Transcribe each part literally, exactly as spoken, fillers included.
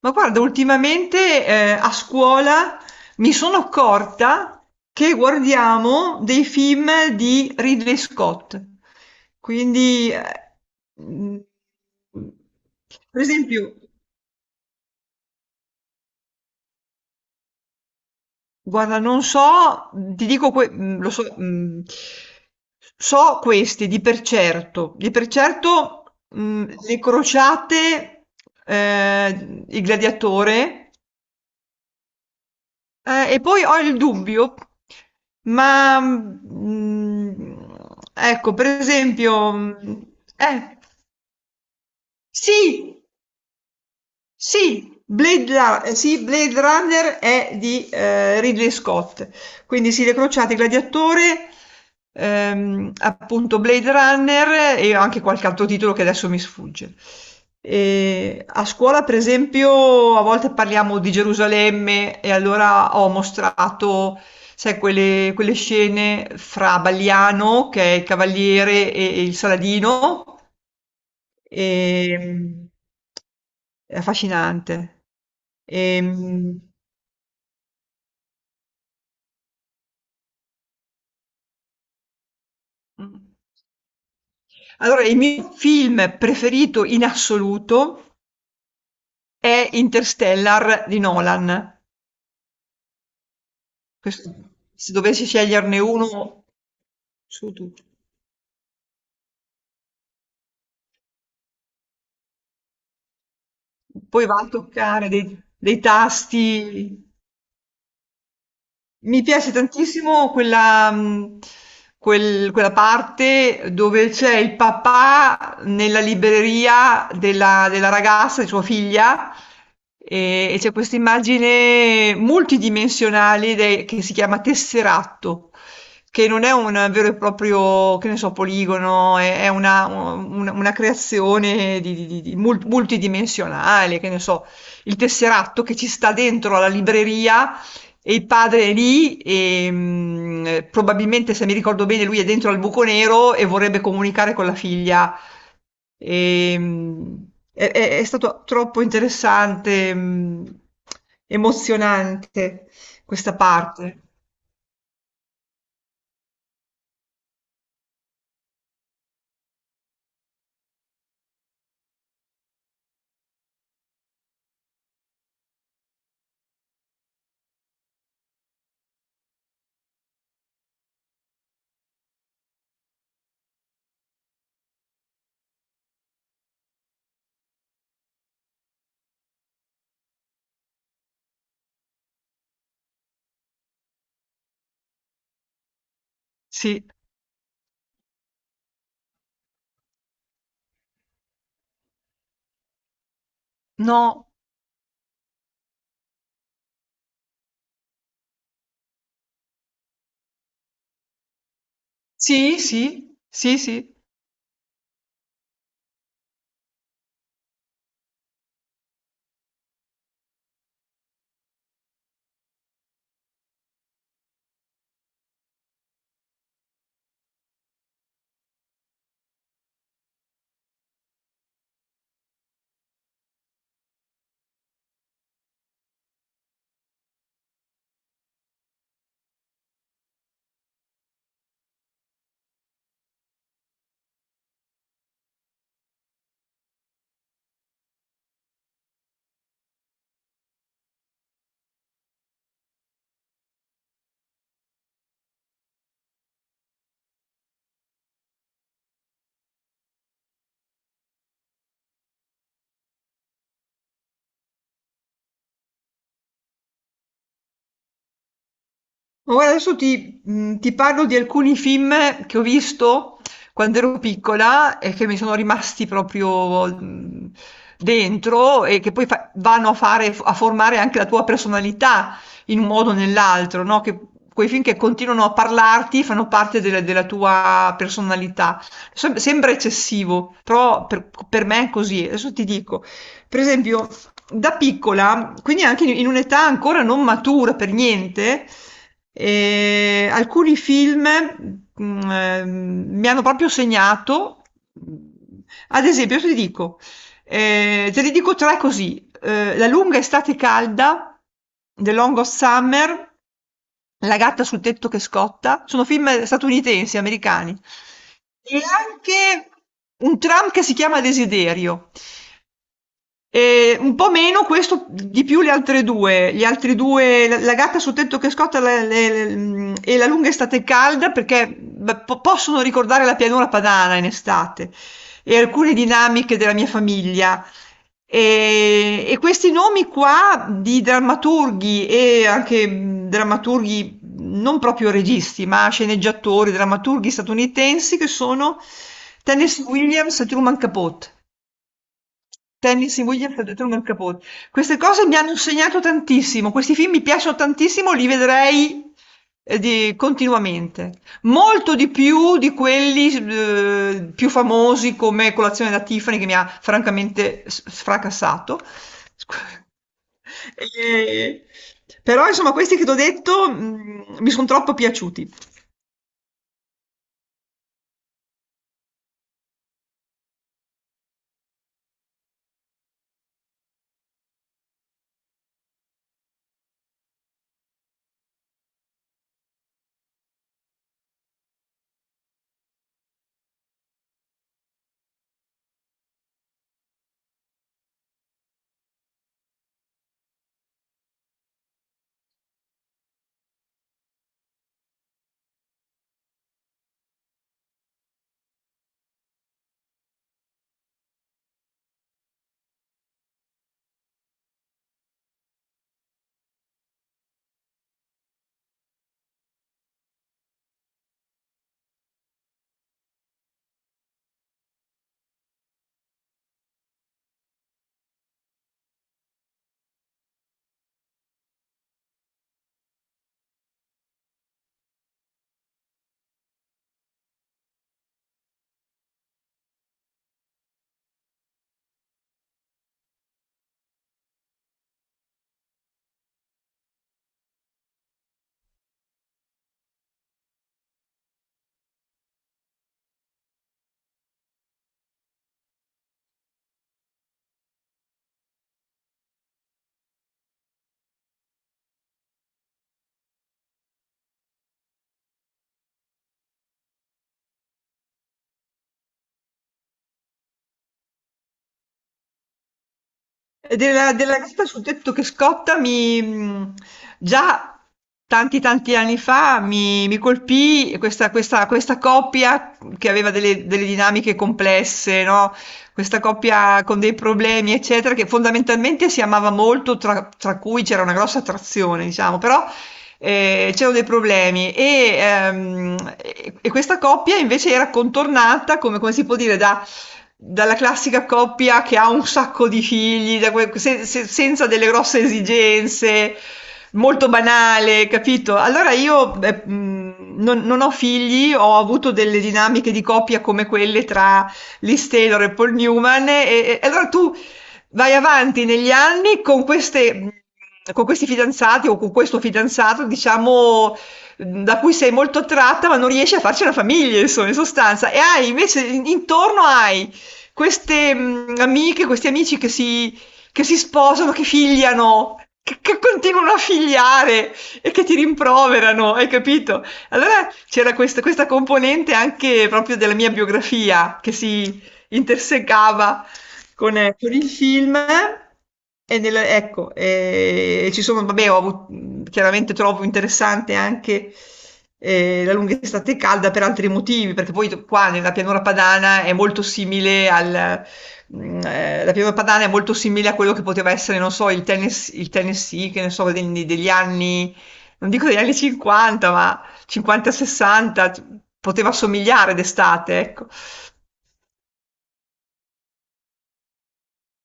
Ma guarda, ultimamente eh, a scuola mi sono accorta che guardiamo dei film di Ridley Scott. Quindi, eh, mm, per esempio, guarda, non so, ti dico, que- mm, lo so, mm, so questi di per certo, di per certo, mm, le crociate, eh, il gladiatore. Eh, e poi ho il dubbio, ma mm, ecco, per esempio, mm, eh, sì, sì, Blade Ra- eh, sì, Blade Runner è di eh, Ridley Scott, quindi Sile Crociati, Gladiatore, ehm, appunto Blade Runner e anche qualche altro titolo che adesso mi sfugge. E a scuola, per esempio, a volte parliamo di Gerusalemme e allora ho mostrato, sai, quelle, quelle scene fra Baliano, che è il cavaliere, e e il Saladino. Ehm, è affascinante. Ehm, mh. Allora, il mio film preferito in assoluto è Interstellar di Nolan. Questo, se dovessi sceglierne uno su tutti. Poi va a toccare dei, dei tasti. Mi piace tantissimo quella, mh, quel- quella parte dove c'è il papà nella libreria della, della ragazza, di sua figlia, e, e c'è questa immagine multidimensionale de- che si chiama tesseratto, che non è un vero e proprio, che ne so, poligono, è, è una, un- una creazione di- di- di- di mul- multidimensionale, che ne so, il tesseratto che ci sta dentro alla libreria e il padre è lì e mh, probabilmente, se mi ricordo bene, lui è dentro al buco nero e vorrebbe comunicare con la figlia. E, mh, è, è- è stato troppo interessante, mh, emozionante questa parte. Sì, no, sì, sì, sì, sì. Ma guarda, adesso ti, mh, ti parlo di alcuni film che ho visto quando ero piccola e che mi sono rimasti proprio mh, dentro e che poi fa- vanno a fare, a formare anche la tua personalità in un modo o nell'altro, no? Che, quei film che continuano a parlarti fanno parte della, della tua personalità. Sem- sembra eccessivo, però per, per me è così. Adesso ti dico, per esempio da piccola, quindi anche in un'età ancora non matura per niente, eh, alcuni film mm, eh, mi hanno proprio segnato. Ad esempio, io ti dico, eh, te ne dico tre così: eh, La lunga estate calda, The Long of Summer, La gatta sul tetto che scotta. Sono film statunitensi, americani. E anche Un tram che si chiama Desiderio. E un po' meno questo, di più le altre due. Gli altri due, la, la gatta sul tetto che scotta la- le- le- mm, e la lunga estate calda, perché beh, po- possono ricordare la pianura padana in estate e alcune dinamiche della mia famiglia. E, e questi nomi qua di drammaturghi e anche mm, drammaturghi non proprio registi, ma sceneggiatori, drammaturghi statunitensi che sono Tennessee Williams e Truman Capote. Tennis in Williams dietro nel capot. Queste cose mi hanno insegnato tantissimo, questi film mi piacciono tantissimo, li vedrei eh, di- continuamente. Molto di più di quelli eh, più famosi come Colazione da Tiffany che mi ha francamente s- sfracassato. Scu- Eh, però insomma questi che ti ho detto mh, mi sono troppo piaciuti. E Della, della Gatta sul tetto che scotta mi, mh, già tanti tanti anni fa mi, mi colpì questa, questa, questa coppia che aveva delle, delle dinamiche complesse, no? Questa coppia con dei problemi, eccetera, che fondamentalmente si amava molto, tra, tra cui c'era una grossa attrazione, diciamo, però eh, c'erano dei problemi e, ehm, e- e questa coppia invece era contornata, come, come si può dire, da- dalla classica coppia che ha un sacco di figli, da que- se- se- senza delle grosse esigenze, molto banale, capito? Allora io eh, mh, non, non ho figli, ho avuto delle dinamiche di coppia come quelle tra Liz Taylor e Paul Newman e, e- e allora tu vai avanti negli anni con queste mhmm, con questi fidanzati o con questo fidanzato, diciamo, mhmm, da cui sei molto attratta, ma non riesci a farci una famiglia, insomma, in sostanza. E hai invece in intorno hai queste, mhmm, amiche, questi amici che si che si sposano, che figliano, che che continuano a figliare e che ti rimproverano, hai capito? Allora c'era questa questa componente anche proprio della mia biografia che si intersecava con, eh, con il film. E nel- ecco, eh, ci sono, vabbè, ho avuto chiaramente trovo interessante anche eh, la lunga estate calda per altri motivi, perché poi qua nella pianura padana è molto simile al, mm, eh, la pianura padana è molto simile a quello che poteva essere, non so, il Tennes- il Tennessee, che ne so, degli, degli anni, non dico degli anni cinquanta, ma dal cinquanta al sessanta, poteva somigliare d'estate, ecco.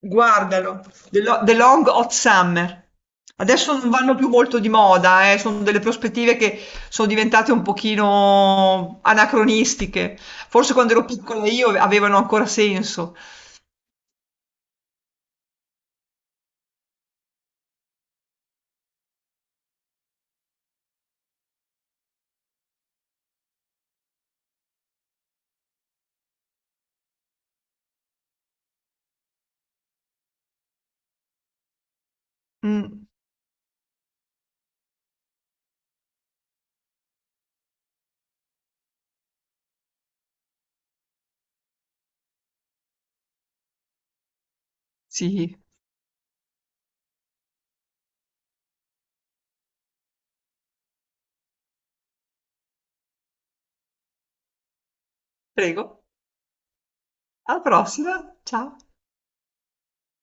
Guardalo, The Lo- The Long Hot Summer. Adesso non vanno più molto di moda, eh, sono delle prospettive che sono diventate un pochino anacronistiche. Forse quando ero piccola io avevano ancora senso. Mm, sì, prego. Alla prossima. Ciao.